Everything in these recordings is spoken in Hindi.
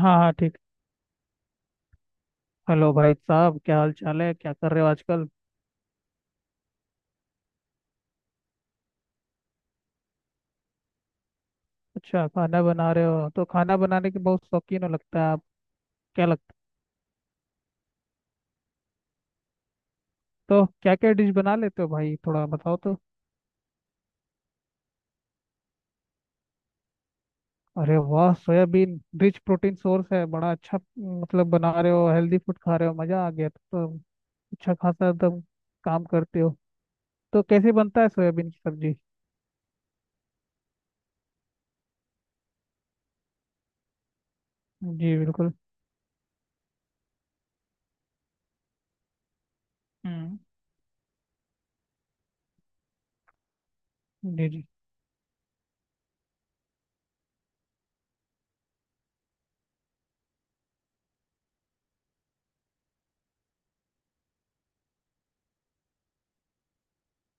हाँ हाँ ठीक। हेलो भाई साहब, क्या हाल चाल है? क्या कर रहे हो आजकल? अच्छा खाना बना रहे हो तो खाना बनाने के बहुत शौकीन हो लगता है आप। क्या लगता। तो क्या क्या डिश बना लेते हो भाई, थोड़ा बताओ तो। अरे वाह, सोयाबीन रिच प्रोटीन सोर्स है, बड़ा अच्छा। मतलब बना रहे हो हेल्दी फूड खा रहे हो, मजा आ गया तो। अच्छा खासा एकदम काम करते हो। तो कैसे बनता है सोयाबीन की सब्जी? जी बिल्कुल। हम्म। जी जी।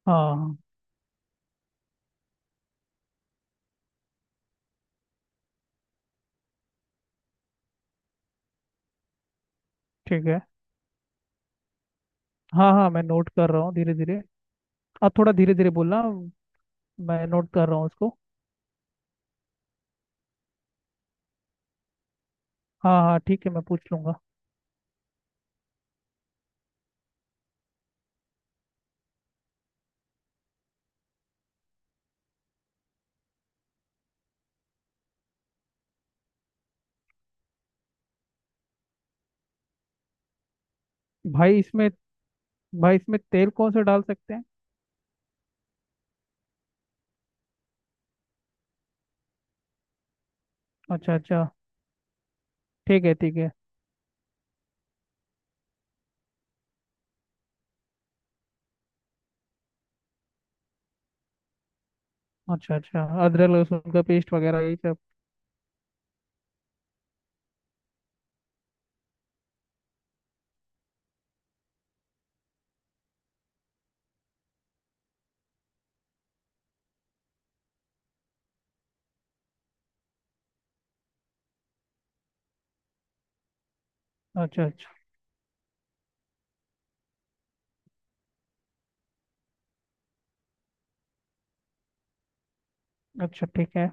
हाँ हाँ ठीक है। हाँ हाँ, मैं नोट कर रहा हूँ धीरे धीरे। आप थोड़ा धीरे धीरे बोलना, मैं नोट कर रहा हूँ उसको। हाँ हाँ ठीक है, मैं पूछ लूंगा। भाई इसमें, भाई इसमें तेल कौन सा डाल सकते हैं? अच्छा अच्छा। ठीक है ठीक है। अच्छा अच्छा, अदरक लहसुन का पेस्ट वगैरह यही सब। अच्छा अच्छा। अच्छा ठीक है।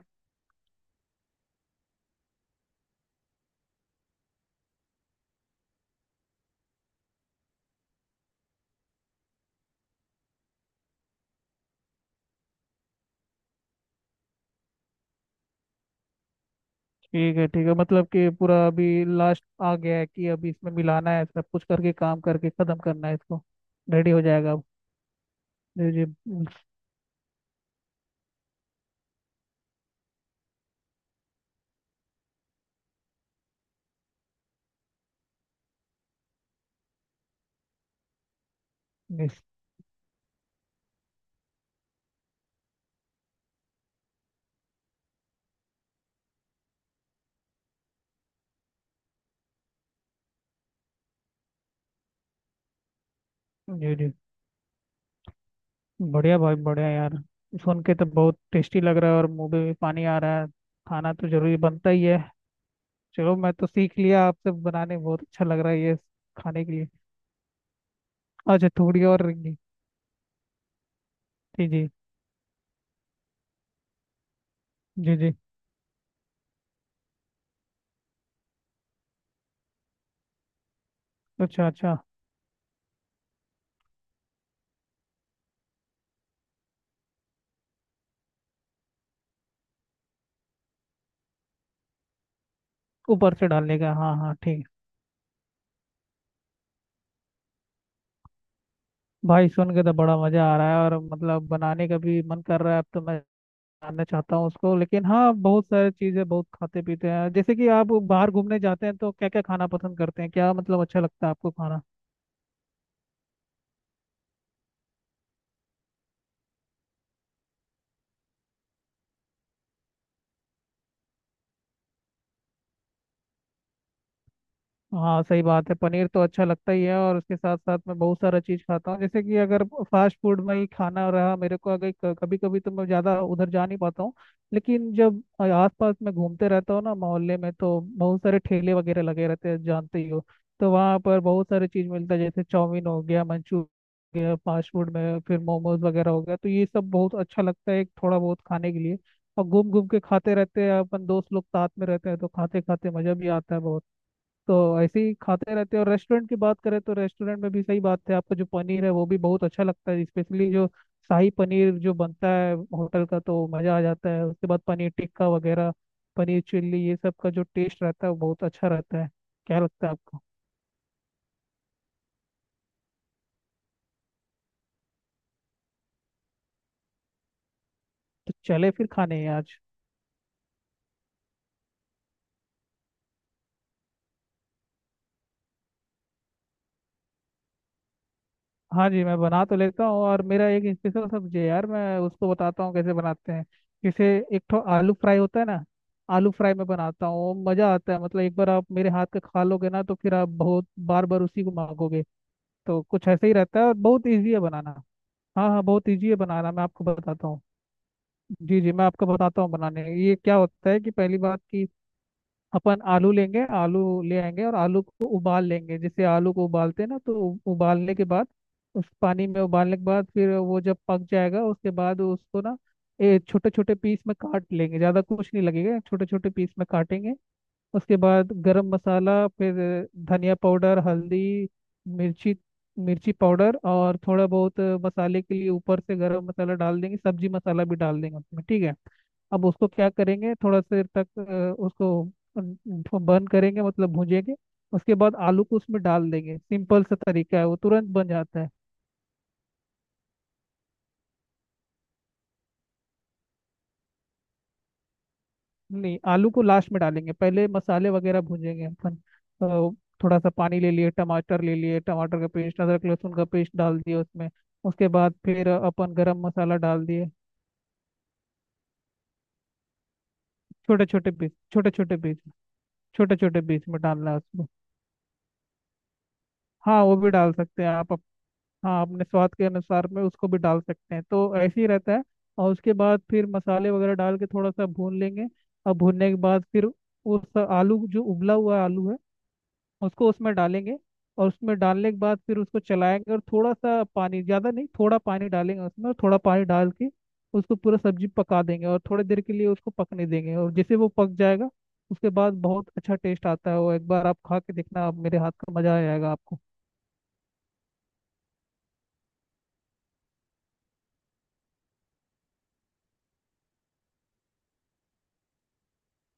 ठीक है ठीक है, मतलब कि पूरा अभी लास्ट आ गया है कि अभी इसमें मिलाना है सब कुछ करके, काम करके खत्म करना है इसको। रेडी हो जाएगा अब। जी जी। जी जी जी। बढ़िया भाई, बढ़िया यार। सुन के तो बहुत टेस्टी लग रहा है और मुंह में भी पानी आ रहा है। खाना तो जरूरी बनता ही है। चलो, मैं तो सीख लिया आपसे बनाने, बहुत अच्छा लग रहा है ये। खाने के लिए। अच्छा, थोड़ी और रहेंगी। जी जी। जी जी। अच्छा अच्छा। ऊपर से डालने का, हाँ हाँ ठीक है। भाई सुन के तो बड़ा मजा आ रहा है और मतलब बनाने का भी मन कर रहा है अब तो। मैं जानना चाहता हूँ उसको, लेकिन हाँ बहुत सारी चीजें बहुत खाते पीते हैं। जैसे कि आप बाहर घूमने जाते हैं तो क्या क्या खाना पसंद करते हैं, क्या मतलब अच्छा लगता है आपको खाना? हाँ सही बात है, पनीर तो अच्छा लगता ही है और उसके साथ साथ मैं बहुत सारा चीज़ खाता हूँ। जैसे कि अगर फास्ट फूड में ही खाना रहा मेरे को, अगर कभी कभी तो मैं ज़्यादा उधर जा नहीं पाता हूँ। लेकिन जब आस पास में घूमते रहता हूँ ना मोहल्ले में, तो बहुत सारे ठेले वगैरह लगे रहते हैं, जानते ही हो। तो वहाँ पर बहुत सारी चीज़ मिलता है, जैसे चाउमीन हो गया, मंचूरियन हो गया, फास्ट फूड में फिर मोमोज वगैरह हो गया, तो ये सब बहुत अच्छा लगता है थोड़ा बहुत खाने के लिए। और घूम घूम के खाते रहते हैं अपन, दोस्त लोग साथ में रहते हैं तो खाते खाते मज़ा भी आता है बहुत। तो ऐसे ही खाते रहते हैं। और रेस्टोरेंट की बात करें तो रेस्टोरेंट में भी सही बात है, आपका जो पनीर है वो भी बहुत अच्छा लगता है, स्पेशली जो शाही पनीर जो बनता है होटल का, तो मज़ा आ जाता है। उसके बाद पनीर टिक्का वगैरह, पनीर चिल्ली, ये सब का जो टेस्ट रहता है वो बहुत अच्छा रहता है। क्या लगता है आपको? तो चले फिर खाने हैं आज। हाँ जी, मैं बना तो लेता हूँ और मेरा एक स्पेशल सब्जी है यार, मैं उसको बताता हूँ कैसे बनाते हैं। जैसे एक तो आलू फ्राई होता है ना, आलू फ्राई में बनाता हूँ वो मज़ा आता है। मतलब एक बार आप मेरे हाथ का खा लोगे ना, तो फिर आप बहुत बार बार उसी को मांगोगे। तो कुछ ऐसे ही रहता है और बहुत ईजी है बनाना। हाँ हाँ, बहुत ईजी है बनाना, मैं आपको बताता हूँ। जी जी, मैं आपको बताता हूँ बनाने। ये क्या होता है कि पहली बात कि अपन आलू लेंगे, आलू ले आएंगे और आलू को उबाल लेंगे। जैसे आलू को उबालते हैं ना, तो उबालने के बाद, उस पानी में उबालने के बाद फिर वो जब पक जाएगा उसके बाद उसको ना ए छोटे छोटे पीस में काट लेंगे, ज़्यादा कुछ नहीं लगेगा, छोटे छोटे पीस में काटेंगे। उसके बाद गरम मसाला, फिर धनिया पाउडर, हल्दी, मिर्ची, मिर्ची पाउडर और थोड़ा बहुत मसाले के लिए ऊपर से गरम मसाला डाल देंगे, सब्जी मसाला भी डाल देंगे उसमें, ठीक है। अब उसको क्या करेंगे थोड़ा देर तक उसको बर्न करेंगे, मतलब भूनेंगे। उसके बाद आलू को उसमें डाल देंगे, सिंपल सा तरीका है, वो तुरंत बन जाता है। नहीं, आलू को लास्ट में डालेंगे, पहले मसाले वगैरह भूनेंगे अपन तो। थोड़ा सा पानी ले लिए, टमाटर ले लिए, टमाटर का पेस्ट, अदरक लहसुन का पेस्ट डाल दिया उसमें। उसके बाद फिर अपन गरम मसाला डाल दिए। छोटे छोटे पीस, छोटे छोटे पीस, छोटे छोटे पीस में डालना है उसमें। हाँ वो भी डाल सकते हैं आप हाँ अपने स्वाद के अनुसार में उसको भी डाल सकते हैं, तो ऐसे ही रहता है। और उसके बाद फिर मसाले वगैरह डाल के थोड़ा सा भून लेंगे। और भूनने के बाद फिर उस आलू, जो उबला हुआ आलू है, उसको उसमें डालेंगे। और उसमें डालने के बाद फिर उसको चलाएंगे और थोड़ा सा पानी, ज़्यादा नहीं थोड़ा पानी डालेंगे उसमें, और थोड़ा पानी डाल के उसको पूरा सब्जी पका देंगे और थोड़ी देर के लिए उसको पकने देंगे। और जैसे वो पक जाएगा उसके बाद बहुत अच्छा टेस्ट आता है। वो एक बार आप खा के देखना आप मेरे हाथ का, मज़ा आ जाएगा आपको।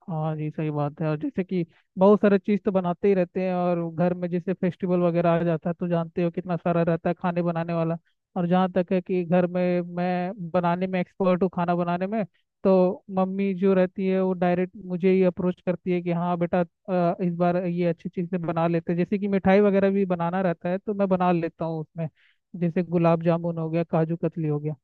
हाँ जी सही बात है। और जैसे कि बहुत सारे चीज़ तो बनाते ही रहते हैं, और घर में जैसे फेस्टिवल वगैरह आ जाता है तो जानते हो कितना सारा रहता है खाने बनाने वाला। और जहाँ तक है कि घर में मैं बनाने में एक्सपर्ट हूँ, खाना बनाने में। तो मम्मी जो रहती है वो डायरेक्ट मुझे ही अप्रोच करती है कि हाँ बेटा, इस बार ये अच्छी चीज़ें बना लेते हैं। जैसे कि मिठाई वगैरह भी बनाना रहता है तो मैं बना लेता हूँ उसमें। जैसे गुलाब जामुन हो गया, काजू कतली हो गया।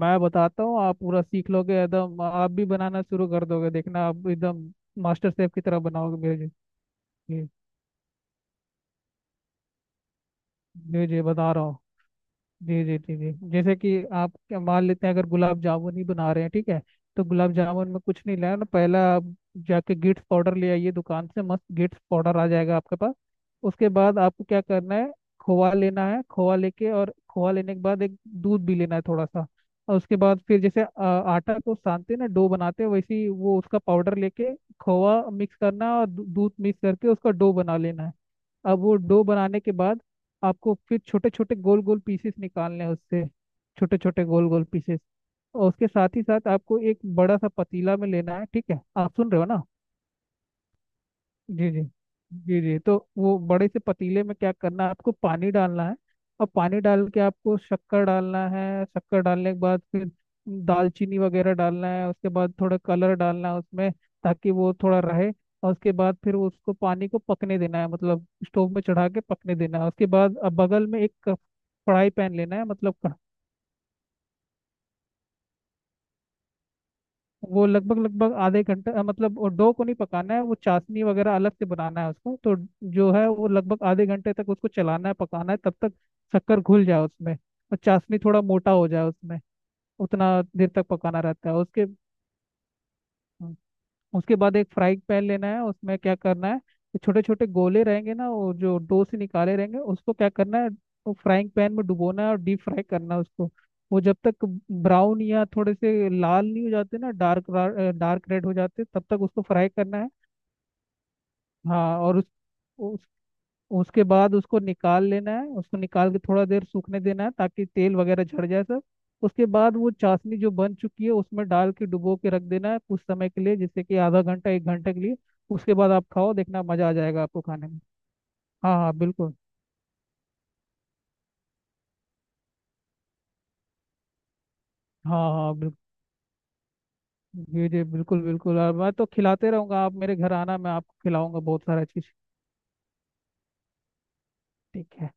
मैं बताता हूँ, आप पूरा सीख लोगे एकदम, आप भी बनाना शुरू कर दोगे देखना, आप एकदम मास्टर शेफ की तरह बनाओगे मेरे। जी जी। जी जी, बता रहा हूँ। जी जी जी जी। जैसे कि आप क्या मान लेते हैं, अगर गुलाब जामुन ही बना रहे हैं ठीक है, तो गुलाब जामुन में कुछ नहीं लाना, पहला आप जाके गिट्स पाउडर ले आइए दुकान से, मस्त गिट्स पाउडर आ जाएगा आपके पास। उसके बाद आपको क्या करना है, खोआ लेना है। खोआ लेके और खोआ लेने के बाद एक दूध भी लेना है थोड़ा सा। और उसके बाद फिर, जैसे आटा को सानते हैं ना डो बनाते हैं, वैसे ही वो उसका पाउडर लेके खोआ मिक्स करना है और दूध मिक्स करके उसका डो बना लेना है। अब वो डो बनाने के बाद आपको फिर छोटे छोटे गोल गोल पीसेस निकालने हैं उससे, छोटे छोटे गोल गोल पीसेस। और उसके साथ ही साथ आपको एक बड़ा सा पतीला में लेना है, ठीक है आप सुन रहे हो ना? जी जी। जी जी तो वो बड़े से पतीले में क्या करना है, आपको पानी डालना है। और पानी डाल के आपको शक्कर डालना है, शक्कर डालने के बाद फिर दालचीनी वगैरह डालना है। उसके बाद थोड़ा कलर डालना है उसमें, ताकि वो थोड़ा रहे। और उसके बाद फिर उसको पानी को पकने देना है, मतलब स्टोव में चढ़ा के पकने देना है। उसके बाद अब बगल में एक कढ़ाई पैन लेना है, मतलब वो लगभग लगभग आधे घंटे, मतलब वो डो को नहीं पकाना है, वो चाशनी वगैरह अलग से बनाना है उसको। तो जो है वो लगभग आधे घंटे तक उसको चलाना है पकाना है, तब तक शक्कर घुल जाए उसमें और चाशनी थोड़ा मोटा हो जाए उसमें। उतना देर तक पकाना रहता है उसके। उसके बाद एक फ्राइंग पैन लेना है, उसमें क्या करना है, छोटे छोटे गोले रहेंगे ना वो जो डो से निकाले रहेंगे, उसको क्या करना है, वो फ्राइंग पैन में डुबोना है और डीप फ्राई करना है उसको। वो जब तक ब्राउन या थोड़े से लाल नहीं हो जाते ना, डार्क, डार्क रेड हो जाते तब तक उसको फ्राई करना है। हाँ, और उस, उसके बाद उसको निकाल लेना है। उसको निकाल के थोड़ा देर सूखने देना है, ताकि तेल वगैरह झड़ जाए सब। उसके बाद वो चाशनी जो बन चुकी है उसमें डाल के डुबो के रख देना है कुछ समय के लिए, जैसे कि आधा घंटा एक घंटे के लिए। उसके बाद आप खाओ देखना, मजा आ जाएगा आपको खाने में। हाँ हाँ बिल्कुल। हाँ हाँ बिल्कुल। जी जी बिल्कुल बिल्कुल, और मैं तो खिलाते रहूंगा, आप मेरे घर आना मैं आपको खिलाऊंगा बहुत सारा चीज। ठीक है।